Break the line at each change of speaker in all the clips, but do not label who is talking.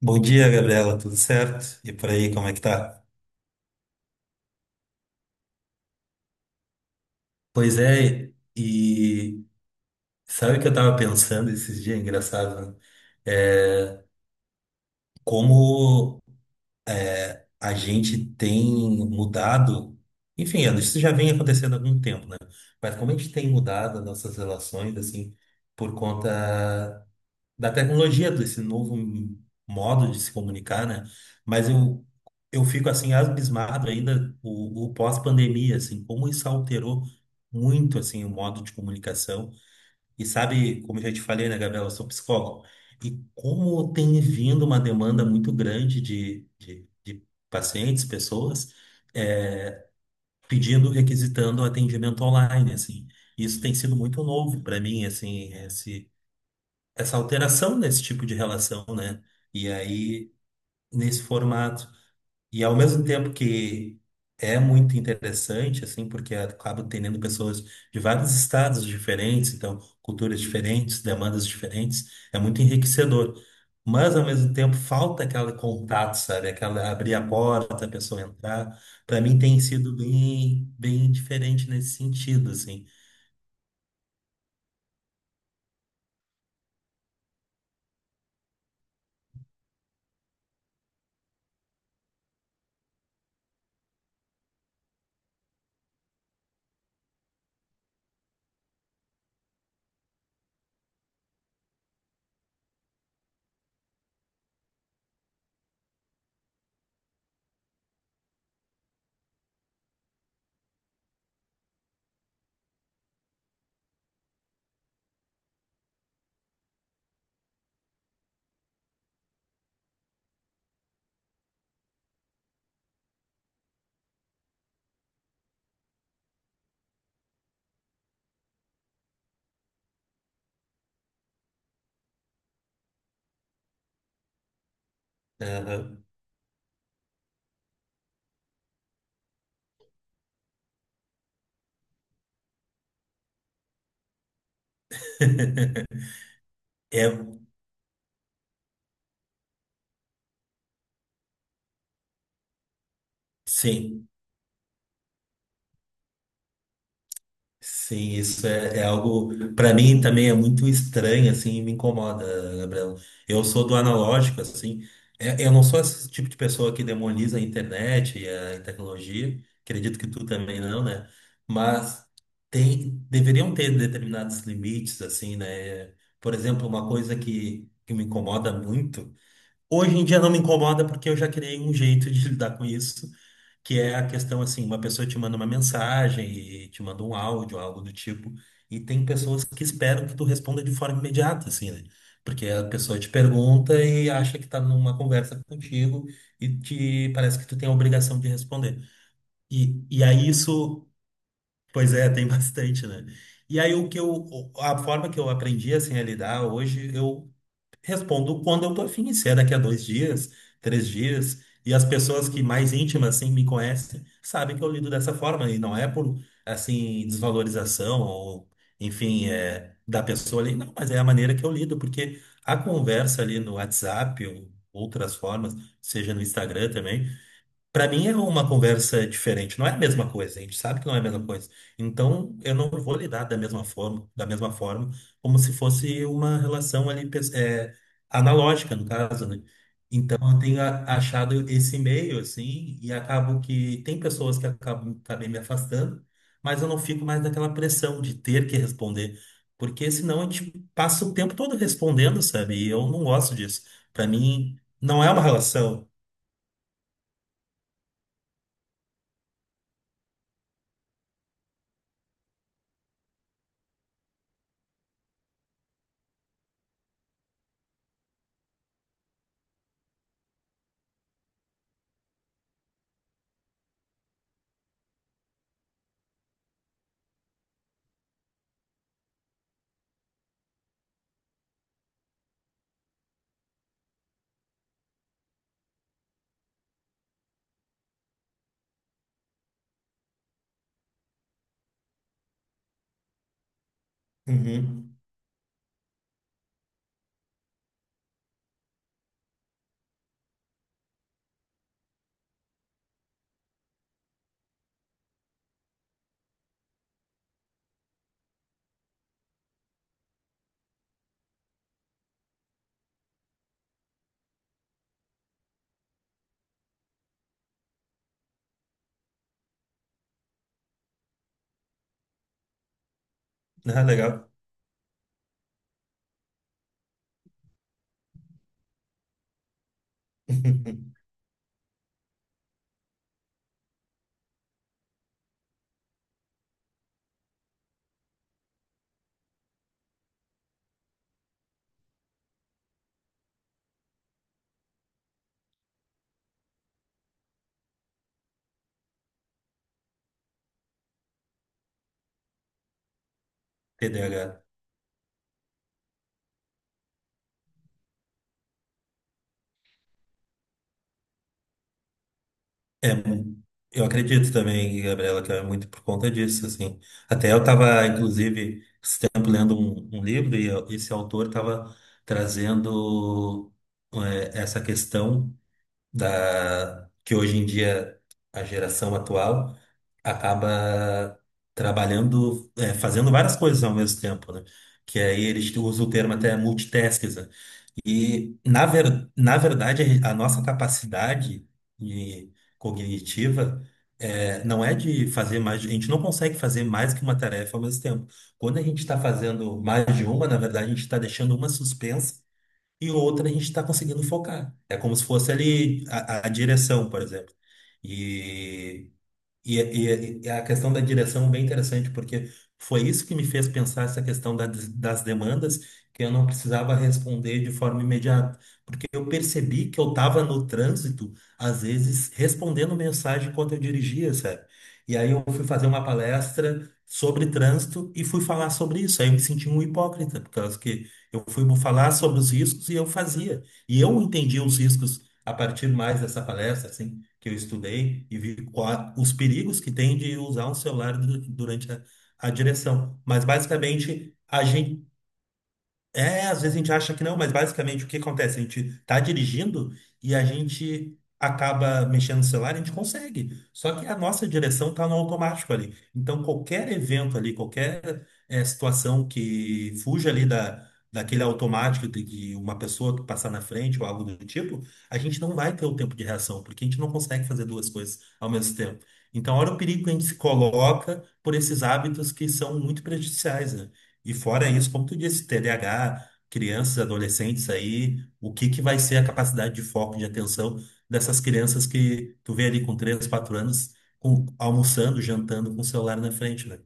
Bom dia, Gabriela. Tudo certo? E por aí, como é que tá? Pois é, e sabe o que eu tava pensando esses dias? Engraçado, né? É como a gente tem mudado. Enfim, isso já vem acontecendo há algum tempo, né? Mas como a gente tem mudado as nossas relações, assim, por conta da tecnologia, desse novo modo de se comunicar, né? Mas eu fico assim abismado ainda o pós-pandemia, assim, como isso alterou muito assim o modo de comunicação. E sabe, como eu já te falei, né, Gabriela, eu sou psicólogo. E como tem vindo uma demanda muito grande de pacientes, pessoas, eh, pedindo, requisitando atendimento online, assim. Isso tem sido muito novo para mim, assim, essa alteração nesse tipo de relação, né? E aí, nesse formato. E ao mesmo tempo que é muito interessante, assim, porque acaba tendo pessoas de vários estados diferentes, então, culturas diferentes, demandas diferentes, é muito enriquecedor. Mas, ao mesmo tempo, falta aquele contato, sabe? Aquela abrir a porta, a pessoa entrar. Para mim, tem sido bem, bem diferente nesse sentido, assim. Aham. É, sim. Sim, isso é, é algo para mim também é muito estranho assim, e me incomoda, Gabriel. Eu sou do analógico assim. Eu não sou esse tipo de pessoa que demoniza a internet e a tecnologia. Acredito que tu também não, né? Mas tem, deveriam ter determinados limites assim, né? Por exemplo, uma coisa que me incomoda muito. Hoje em dia não me incomoda porque eu já criei um jeito de lidar com isso, que é a questão assim, uma pessoa te manda uma mensagem e te manda um áudio, algo do tipo, e tem pessoas que esperam que tu responda de forma imediata, assim, né? Porque a pessoa te pergunta e acha que tá numa conversa contigo e te parece que tu tem a obrigação de responder. E aí isso, pois é, tem bastante, né? E aí a forma que eu aprendi assim a lidar hoje, eu respondo quando eu tô afim, se é daqui a dois dias, três dias, e as pessoas que mais íntimas, assim, me conhecem, sabem que eu lido dessa forma, e não é por, assim, desvalorização ou, enfim, da pessoa ali, não, mas é a maneira que eu lido, porque a conversa ali no WhatsApp ou outras formas, seja no Instagram também, pra mim é uma conversa diferente, não é a mesma coisa, a gente sabe que não é a mesma coisa. Então eu não vou lidar da mesma forma, como se fosse uma relação ali analógica, no caso, né? Então eu achado esse meio assim e acabo que tem pessoas que acabam, acabei me afastando, mas eu não fico mais naquela pressão de ter que responder, porque senão a gente passa o tempo todo respondendo, sabe? E eu não gosto disso. Pra mim não é uma relação. Uhum. Ah, legal. TDAH. É, mu- eu acredito também, Gabriela, que é muito por conta disso, assim. Até eu estava, inclusive, esse tempo lendo um livro e esse autor estava trazendo essa questão da que hoje em dia a geração atual acaba trabalhando, fazendo várias coisas ao mesmo tempo, né? Que aí eles usam o termo até multitasking, né? E na verdade a nossa capacidade de- cognitiva não é de fazer mais, a gente não consegue fazer mais que uma tarefa ao mesmo tempo. Quando a gente está fazendo mais de uma, na verdade a gente está deixando uma suspensa e outra a gente está conseguindo focar. É como se fosse ali a direção, por exemplo. E, e a questão da direção é bem interessante, porque foi isso que me fez pensar essa questão das demandas, que eu não precisava responder de forma imediata, porque eu percebi que eu estava no trânsito, às vezes, respondendo mensagem enquanto eu dirigia, sabe? E aí eu fui fazer uma palestra sobre trânsito e fui falar sobre isso. Aí eu me senti um hipócrita, por causa que eu fui falar sobre os riscos e eu fazia. E eu entendi os riscos a partir mais dessa palestra, assim, que eu estudei e vi os perigos que tem de usar um celular durante a direção. Mas basicamente a gente é, às vezes a gente acha que não, mas basicamente o que acontece? A gente tá dirigindo e a gente acaba mexendo no celular, a gente consegue. Só que a nossa direção tá no automático ali. Então qualquer evento ali, qualquer situação que fuja ali daquele automático, de que uma pessoa passar na frente ou algo do tipo, a gente não vai ter o tempo de reação, porque a gente não consegue fazer duas coisas ao mesmo tempo. Então, olha o perigo que a gente se coloca por esses hábitos que são muito prejudiciais, né? E fora isso, como tu disse, TDAH, crianças, adolescentes aí, o que que vai ser a capacidade de foco, de atenção dessas crianças que tu vê ali com 3, 4 anos, com, almoçando, jantando com o celular na frente, né?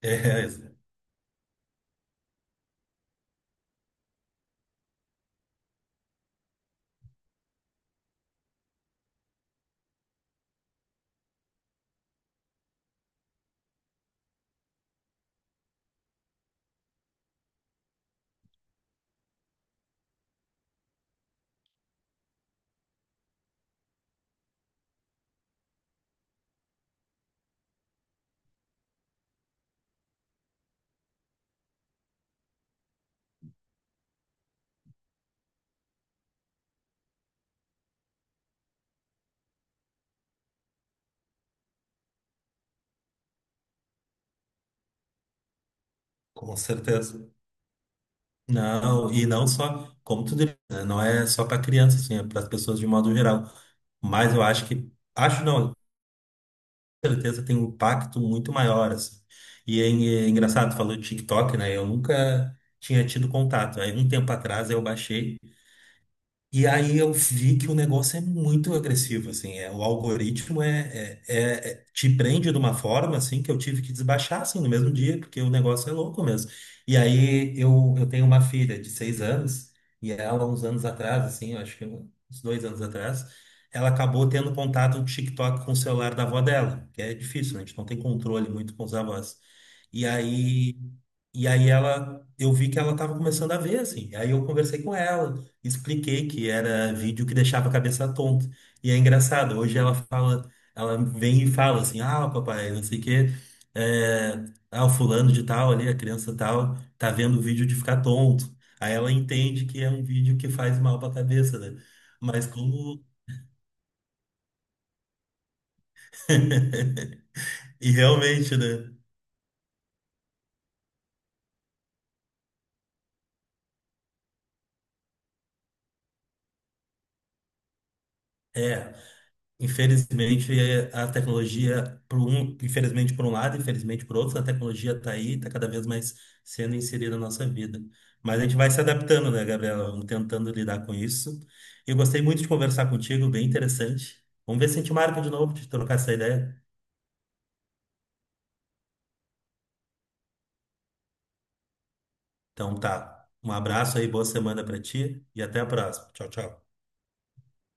É, com certeza. Não, e não só, como tu disse, né, não é só para crianças, assim, é para as pessoas de modo geral. Mas eu acho que, acho não, certeza tem um impacto muito maior, assim. E é engraçado, falou de TikTok, né? Eu nunca tinha tido contato. Aí um tempo atrás eu baixei. E aí eu vi que o negócio é muito agressivo, assim, é, o algoritmo te prende de uma forma, assim, que eu tive que desbaixar, assim, no mesmo dia, porque o negócio é louco mesmo. E aí eu tenho uma filha de 6 anos, e ela, uns anos atrás, assim, eu acho que uns 2 anos atrás, ela acabou tendo contato do TikTok com o celular da avó dela, que é difícil, né? A gente não tem controle muito com os avós. E aí, e aí ela, eu vi que ela estava começando a ver, assim, aí eu conversei com ela, expliquei que era vídeo que deixava a cabeça tonta. E é engraçado, hoje ela fala, ela vem e fala assim, ah, papai, não sei o quê, é, ah, o fulano de tal ali, a criança tal, tá vendo o vídeo de ficar tonto. Aí ela entende que é um vídeo que faz mal pra cabeça, né? Mas como... E realmente, né? É, infelizmente, a tecnologia, por um, infelizmente por um lado, infelizmente por outro, a tecnologia está aí, está cada vez mais sendo inserida na nossa vida. Mas a gente vai se adaptando, né, Gabriela? Vamos tentando lidar com isso. Eu gostei muito de conversar contigo, bem interessante. Vamos ver se a gente marca de novo, de trocar essa ideia. Então tá, um abraço aí, boa semana para ti e até a próxima. Tchau, tchau.